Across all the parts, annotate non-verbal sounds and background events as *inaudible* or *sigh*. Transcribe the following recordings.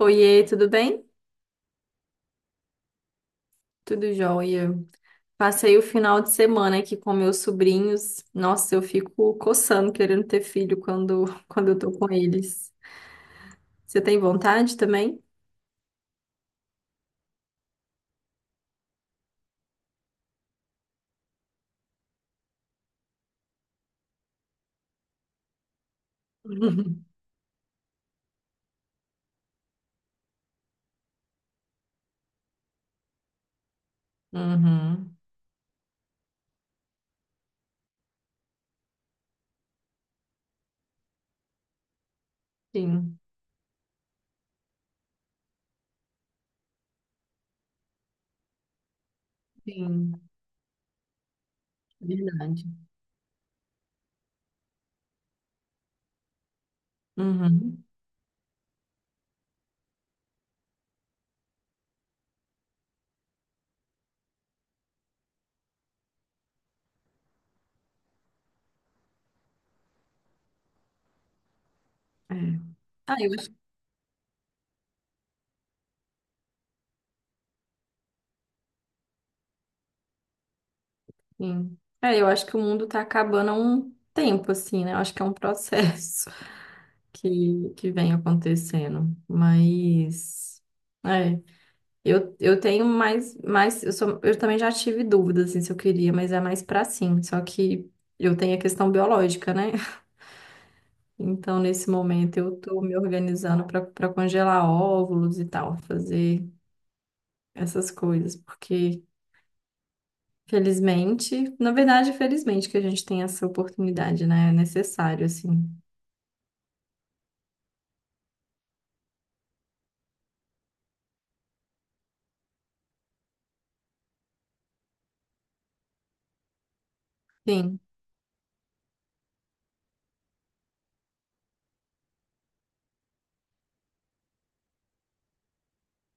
Oiê, tudo bem? Tudo jóia. Passei o final de semana aqui com meus sobrinhos. Nossa, eu fico coçando querendo ter filho quando, *laughs* quando eu tô com eles. Você tem vontade também? *laughs* Uhum. Sim, sim, verdade. Uhum. É. Ah, eu acho que sim. É, eu acho que o mundo tá acabando há um tempo, assim, né? Eu acho que é um processo *laughs* que vem acontecendo. Mas. É. Eu tenho mais, mais eu, sou, eu também já tive dúvidas assim, se eu queria, mas é mais pra sim. Só que eu tenho a questão biológica, né? *laughs* Então, nesse momento, eu tô me organizando pra para congelar óvulos e tal, fazer essas coisas, porque, felizmente, na verdade, felizmente que a gente tem essa oportunidade, né? É necessário, assim. Sim,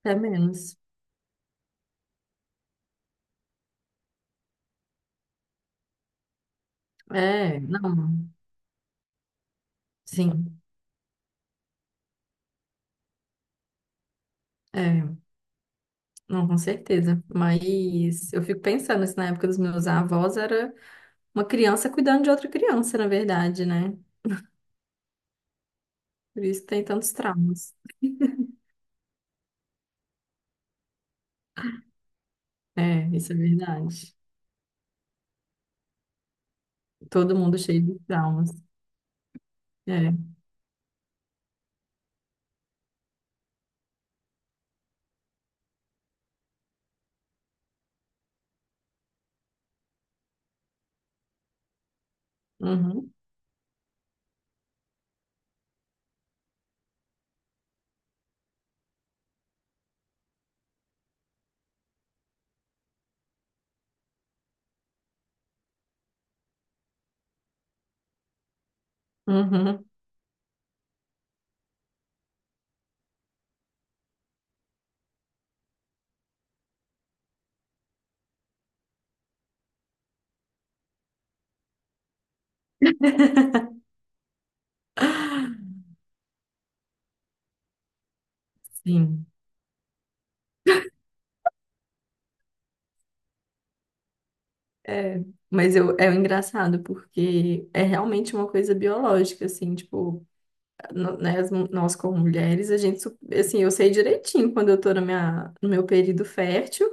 até menos. É, não, sim. É, não, com certeza. Mas eu fico pensando, assim, na época dos meus avós era. Uma criança cuidando de outra criança, na verdade, né? Por isso tem tantos traumas. É, isso é verdade. Todo mundo cheio de traumas. É. Uhum. Uhum. Sim. É. Mas eu, é engraçado, porque é realmente uma coisa biológica, assim, tipo, no- né, as mu- nós como mulheres, a gente, su- assim, eu sei direitinho quando eu tô na minha, no meu período fértil,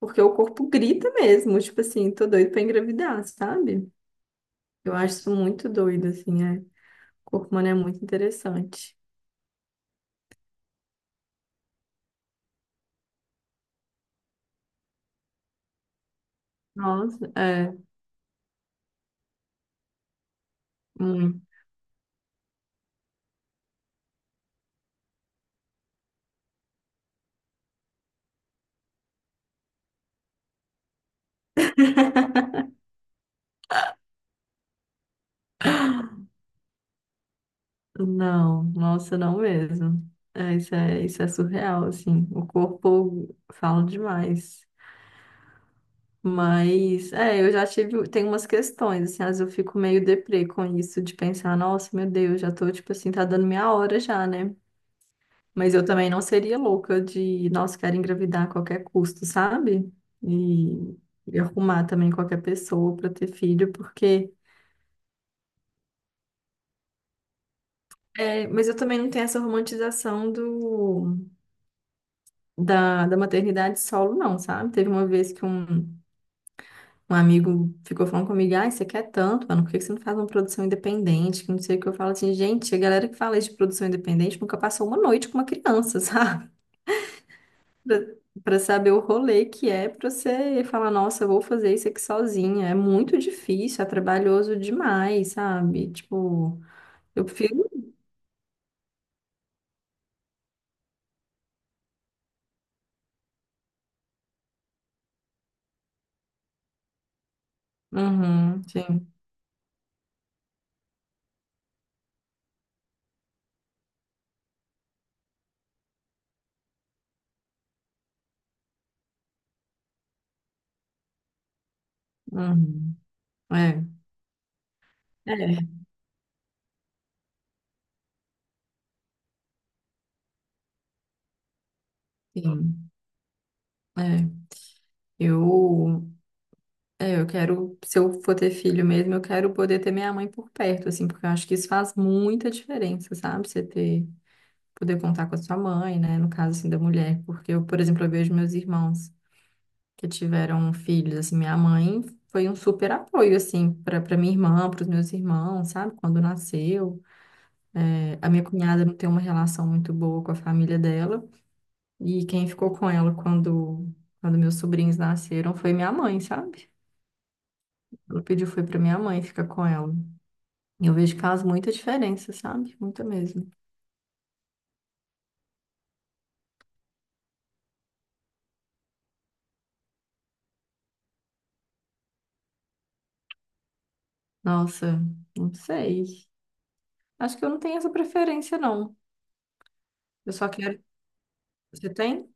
porque o corpo grita mesmo, tipo assim, tô doido pra engravidar, sabe? Eu acho isso muito doido, assim, é. Corpo humano é muito interessante. Nossa, é, hum, não, nossa, não mesmo. É, isso é surreal, assim. O corpo fala demais. Mas, é, eu já tive, tem umas questões, assim, às vezes eu fico meio deprê com isso, de pensar, nossa, meu Deus, já tô, tipo assim, tá dando minha hora já, né? Mas eu também não seria louca de, nossa, quero engravidar a qualquer custo, sabe? E, e arrumar também qualquer pessoa pra ter filho, porque. É, mas eu também não tenho essa romantização do, da maternidade solo, não, sabe? Teve uma vez que um amigo ficou falando comigo, ai, você quer tanto, mano, por que que você não faz uma produção independente? Que não sei o que eu falo assim, gente, a galera que fala de produção independente nunca passou uma noite com uma criança, *laughs* sabe? Pra, pra saber o rolê que é pra você falar, nossa, eu vou fazer isso aqui sozinha. É muito difícil, é trabalhoso demais, sabe? Tipo, eu prefiro. Uhum, sim. Uhum. É. É. Sim. É, eu, é, eu quero, se eu for ter filho mesmo, eu quero poder ter minha mãe por perto, assim, porque eu acho que isso faz muita diferença, sabe? Você ter, poder contar com a sua mãe, né? No caso, assim, da mulher, porque eu, por exemplo, eu vejo meus irmãos que tiveram filhos, assim, minha mãe foi um super apoio, assim, para minha irmã, para os meus irmãos, sabe? Quando nasceu. É, a minha cunhada não tem uma relação muito boa com a família dela, e quem ficou com ela quando, quando meus sobrinhos nasceram foi minha mãe, sabe? Ela pediu foi pra minha mãe ficar com ela. E eu vejo que faz muita diferença, sabe? Muita mesmo. Nossa, não sei. Acho que eu não tenho essa preferência, não. Eu só quero. Você tem?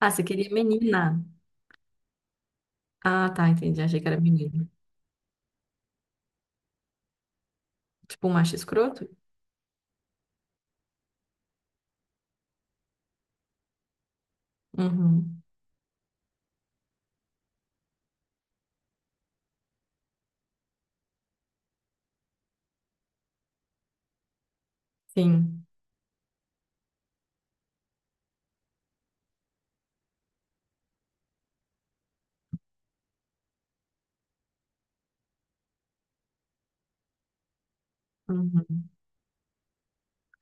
Ah, você queria menina. Ah, tá, entendi. Achei que era menino. Tipo um macho escroto? Uhum. Sim. Uhum.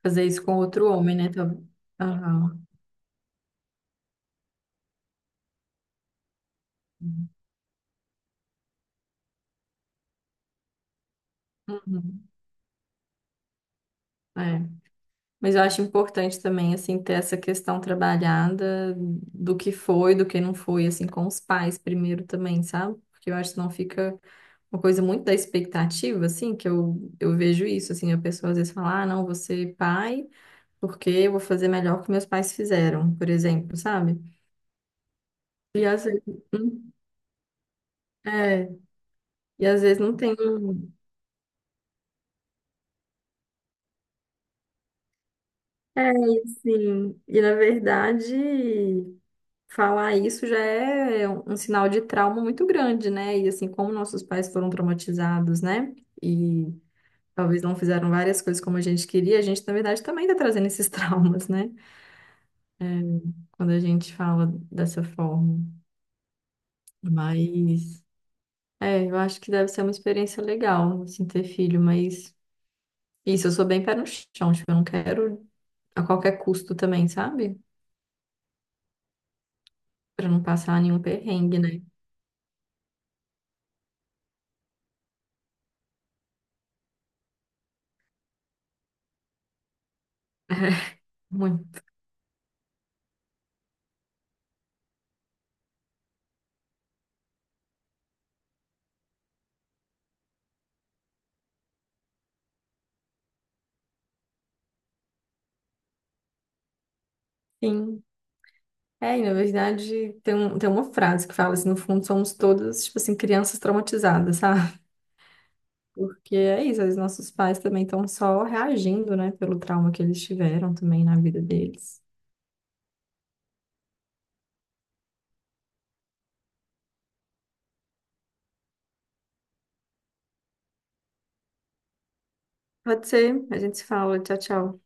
Fazer isso com outro homem, né? Tá- Aham. Uhum. É. Mas eu acho importante também, assim, ter essa questão trabalhada do que foi, do que não foi, assim, com os pais primeiro também, sabe? Porque eu acho que não fica uma coisa muito da expectativa, assim, que eu vejo isso, assim, a pessoa às vezes fala, ah, não, vou ser pai porque eu vou fazer melhor que meus pais fizeram, por exemplo, sabe? E às vezes, hum, é, e às vezes não tem, um- é, e assim, e na verdade... Falar isso já é um sinal de trauma muito grande, né? E assim, como nossos pais foram traumatizados, né? E talvez não fizeram várias coisas como a gente queria, a gente, na verdade, também tá trazendo esses *laughs* traumas, né? É, quando a gente fala dessa forma. Mas, é, eu acho que deve ser uma experiência legal, assim, ter filho, mas isso, eu sou bem pé no chão, tipo, eu não quero a qualquer custo também, sabe? Pra não passar nenhum perrengue, né? Muito. Sim. É, e na verdade tem, um, tem uma frase que fala assim, no fundo somos todos, tipo assim, crianças traumatizadas, *laughs* sabe? Porque é isso, os nossos pais também estão só reagindo, né, pelo trauma que eles tiveram também na vida deles. Pode ser, a gente se fala, tchau, tchau.